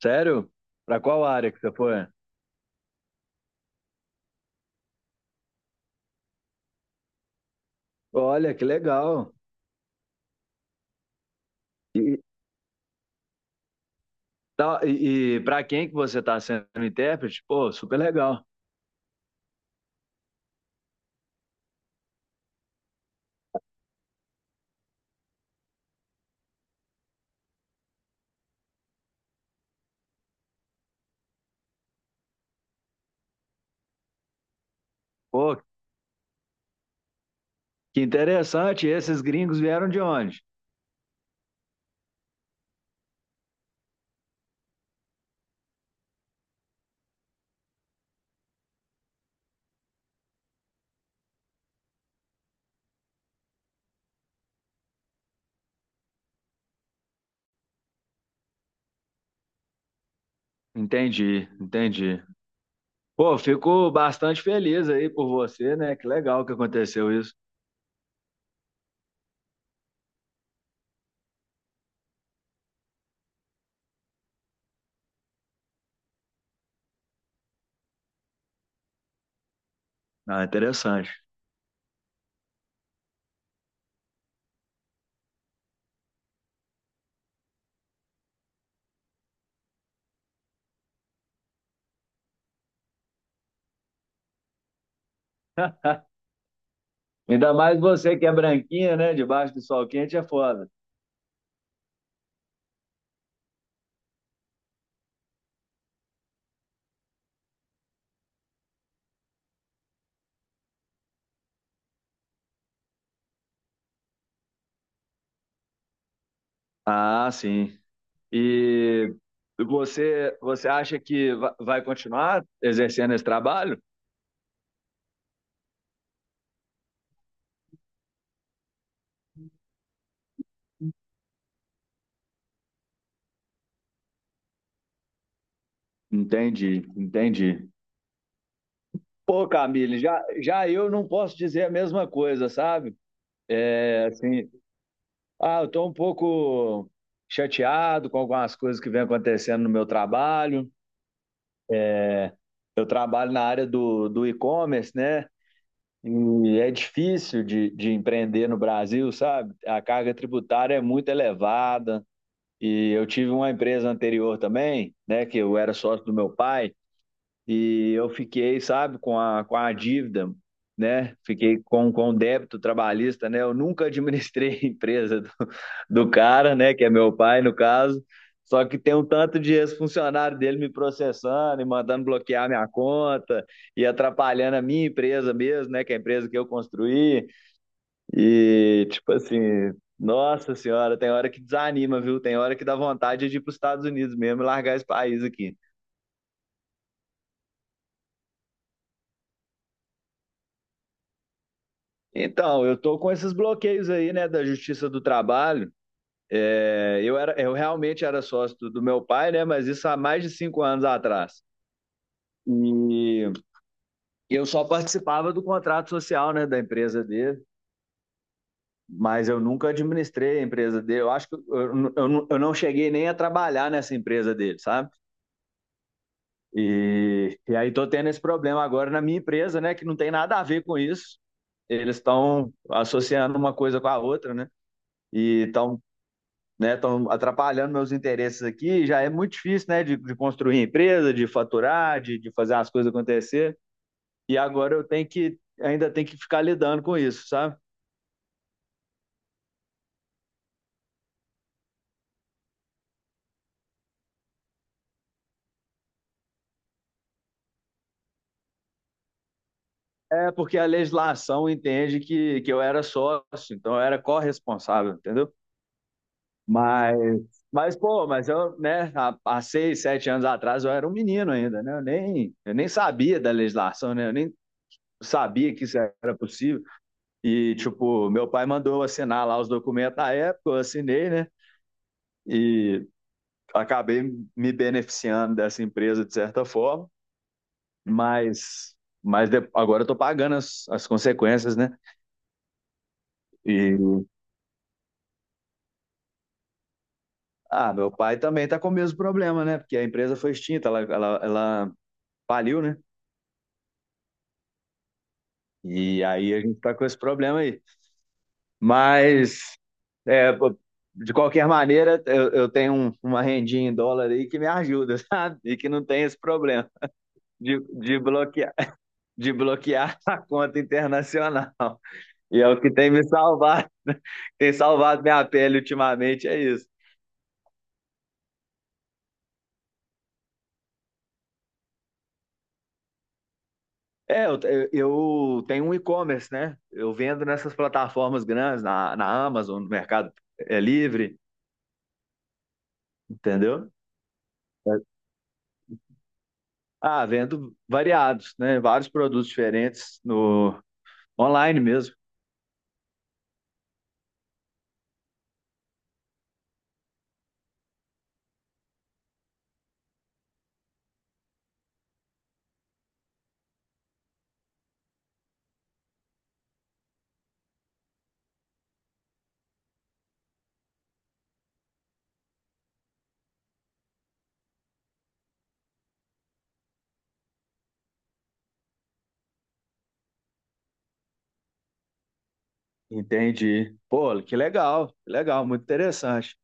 Sério? Pra qual área que você foi? Olha, que legal. E, tá, e para quem que você tá sendo intérprete? Pô, super legal. Pô, que interessante. Esses gringos vieram de onde? Entendi, entendi. Pô, fico bastante feliz aí por você, né? Que legal que aconteceu isso. Ah, interessante. Ainda mais você que é branquinha, né? Debaixo do sol quente é foda. Ah, sim. E você acha que vai continuar exercendo esse trabalho? Entendi, entendi. Pô, Camille, já eu não posso dizer a mesma coisa, sabe? É, assim, ah, eu tô um pouco chateado com algumas coisas que vem acontecendo no meu trabalho. Eu trabalho na área do e-commerce, né? E é difícil de empreender no Brasil, sabe? A carga tributária é muito elevada. E eu tive uma empresa anterior também, né, que eu era sócio do meu pai, e eu fiquei, sabe, com a dívida, né, fiquei com o débito trabalhista, né, eu nunca administrei a empresa do cara, né, que é meu pai no caso, só que tem um tanto de ex-funcionário dele me processando e mandando bloquear minha conta e atrapalhando a minha empresa mesmo, né, que é a empresa que eu construí. E, tipo assim, nossa senhora, tem hora que desanima, viu? Tem hora que dá vontade de ir para os Estados Unidos mesmo e largar esse país aqui. Então, eu tô com esses bloqueios aí, né, da Justiça do Trabalho. É, eu era, eu realmente era sócio do meu pai, né, mas isso há mais de 5 anos atrás. E eu só participava do contrato social, né, da empresa dele, mas eu nunca administrei a empresa dele. Eu acho que eu não cheguei nem a trabalhar nessa empresa dele, sabe? E aí tô tendo esse problema agora na minha empresa, né? Que não tem nada a ver com isso. Eles estão associando uma coisa com a outra, né? E estão, né, estão atrapalhando meus interesses aqui. Já é muito difícil, né? De construir empresa, de faturar, de fazer as coisas acontecer. E agora eu tenho que ainda tem que ficar lidando com isso, sabe? É porque a legislação entende que eu era sócio, então eu era corresponsável, entendeu? Mas Mas, pô, mas eu, né, há 6, 7 anos atrás eu era um menino ainda, né? Eu nem sabia da legislação, né? Eu nem sabia que isso era possível. E, tipo, meu pai mandou eu assinar lá os documentos na época, eu assinei, né? E acabei me beneficiando dessa empresa de certa forma, mas, agora eu tô pagando as consequências, né? E, ah, meu pai também tá com o mesmo problema, né? Porque a empresa foi extinta, ela faliu, né? E aí a gente tá com esse problema aí. Mas, é, pô, de qualquer maneira, eu tenho uma rendinha em dólar aí que me ajuda, sabe? E que não tem esse problema de bloquear, de bloquear a conta internacional. E é o que tem me salvado, tem salvado minha pele ultimamente, é isso. É, eu tenho um e-commerce, né? Eu vendo nessas plataformas grandes, na Amazon, no Mercado Livre, entendeu? É, ah, vendo variados, né? Vários produtos diferentes no, online mesmo. Entendi. Pô, que legal, muito interessante.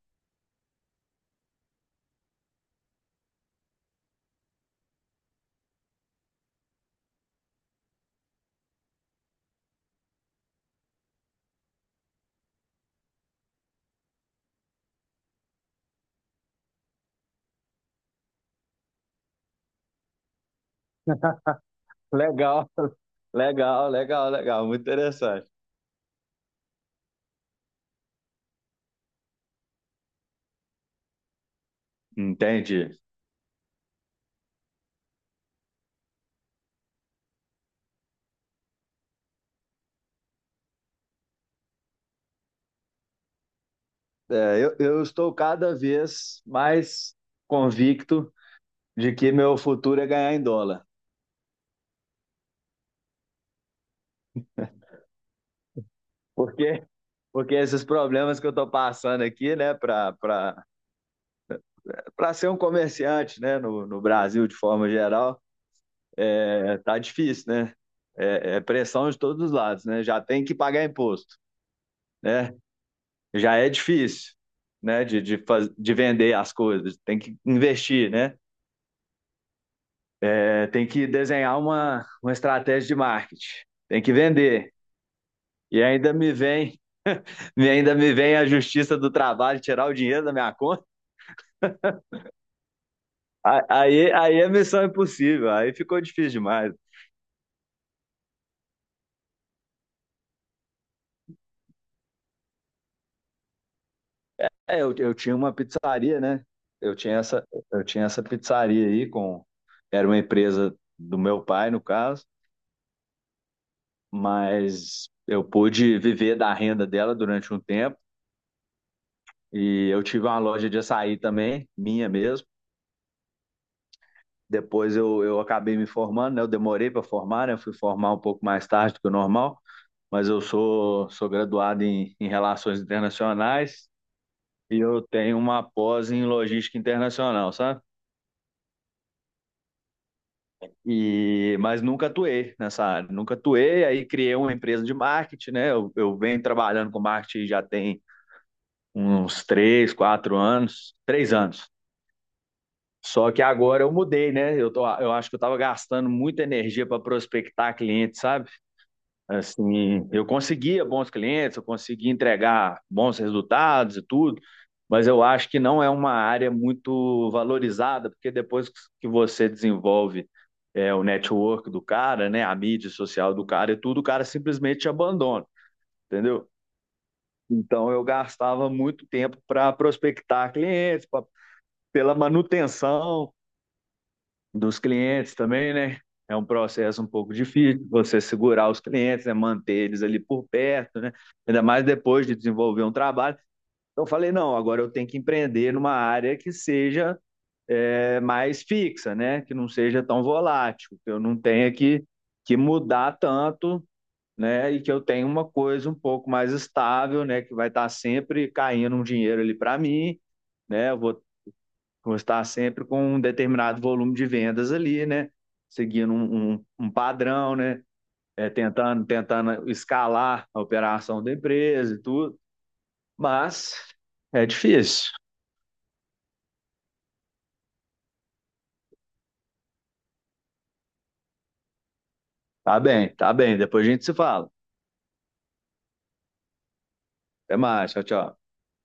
Legal, legal, legal, legal, muito interessante. Entendi. É, eu estou cada vez mais convicto de que meu futuro é ganhar em dólar. Por quê? Porque esses problemas que eu estou passando aqui, né, para ser um comerciante, né, no Brasil de forma geral, é, tá difícil, né? É, é pressão de todos os lados, né? Já tem que pagar imposto, né? Já é difícil, né, de vender as coisas, tem que investir, né? É, tem que desenhar uma estratégia de marketing, tem que vender. E ainda me vem, e ainda me vem a justiça do trabalho tirar o dinheiro da minha conta. Aí, é missão é impossível, aí ficou difícil demais. É, eu tinha uma pizzaria, né? Eu tinha essa, eu tinha essa pizzaria aí com, era uma empresa do meu pai, no caso, mas eu pude viver da renda dela durante um tempo. E eu tive uma loja de açaí também, minha mesmo. Depois eu acabei me formando, né? Eu demorei para formar, né? Eu fui formar um pouco mais tarde do que o normal, mas eu sou graduado em Relações Internacionais e eu tenho uma pós em Logística Internacional, sabe? E, mas nunca atuei nessa área, nunca atuei, aí criei uma empresa de marketing, né? Eu venho trabalhando com marketing já tem uns 3, 4 anos, 3 anos. Só que agora eu mudei, né? Eu acho que eu estava gastando muita energia para prospectar clientes, sabe? Assim, eu conseguia bons clientes, eu conseguia entregar bons resultados e tudo, mas eu acho que não é uma área muito valorizada, porque depois que você desenvolve o network do cara, né, a mídia social do cara e tudo, o cara simplesmente te abandona, entendeu? Então eu gastava muito tempo para prospectar clientes, pela manutenção dos clientes também, né? É um processo um pouco difícil você segurar os clientes, né? Manter eles ali por perto, né? Ainda mais depois de desenvolver um trabalho. Então, eu falei, não, agora eu tenho que empreender numa área que seja mais fixa, né? Que não seja tão volátil, que eu não tenha que, mudar tanto, né? E que eu tenha uma coisa um pouco mais estável, né? Que vai estar sempre caindo um dinheiro ali para mim, né? Eu vou estar sempre com um determinado volume de vendas ali, né? Seguindo um padrão, né? É, tentando, tentando escalar a operação da empresa e tudo. Mas é difícil. Tá bem, tá bem. Depois a gente se fala. Até mais. Tchau, tchau.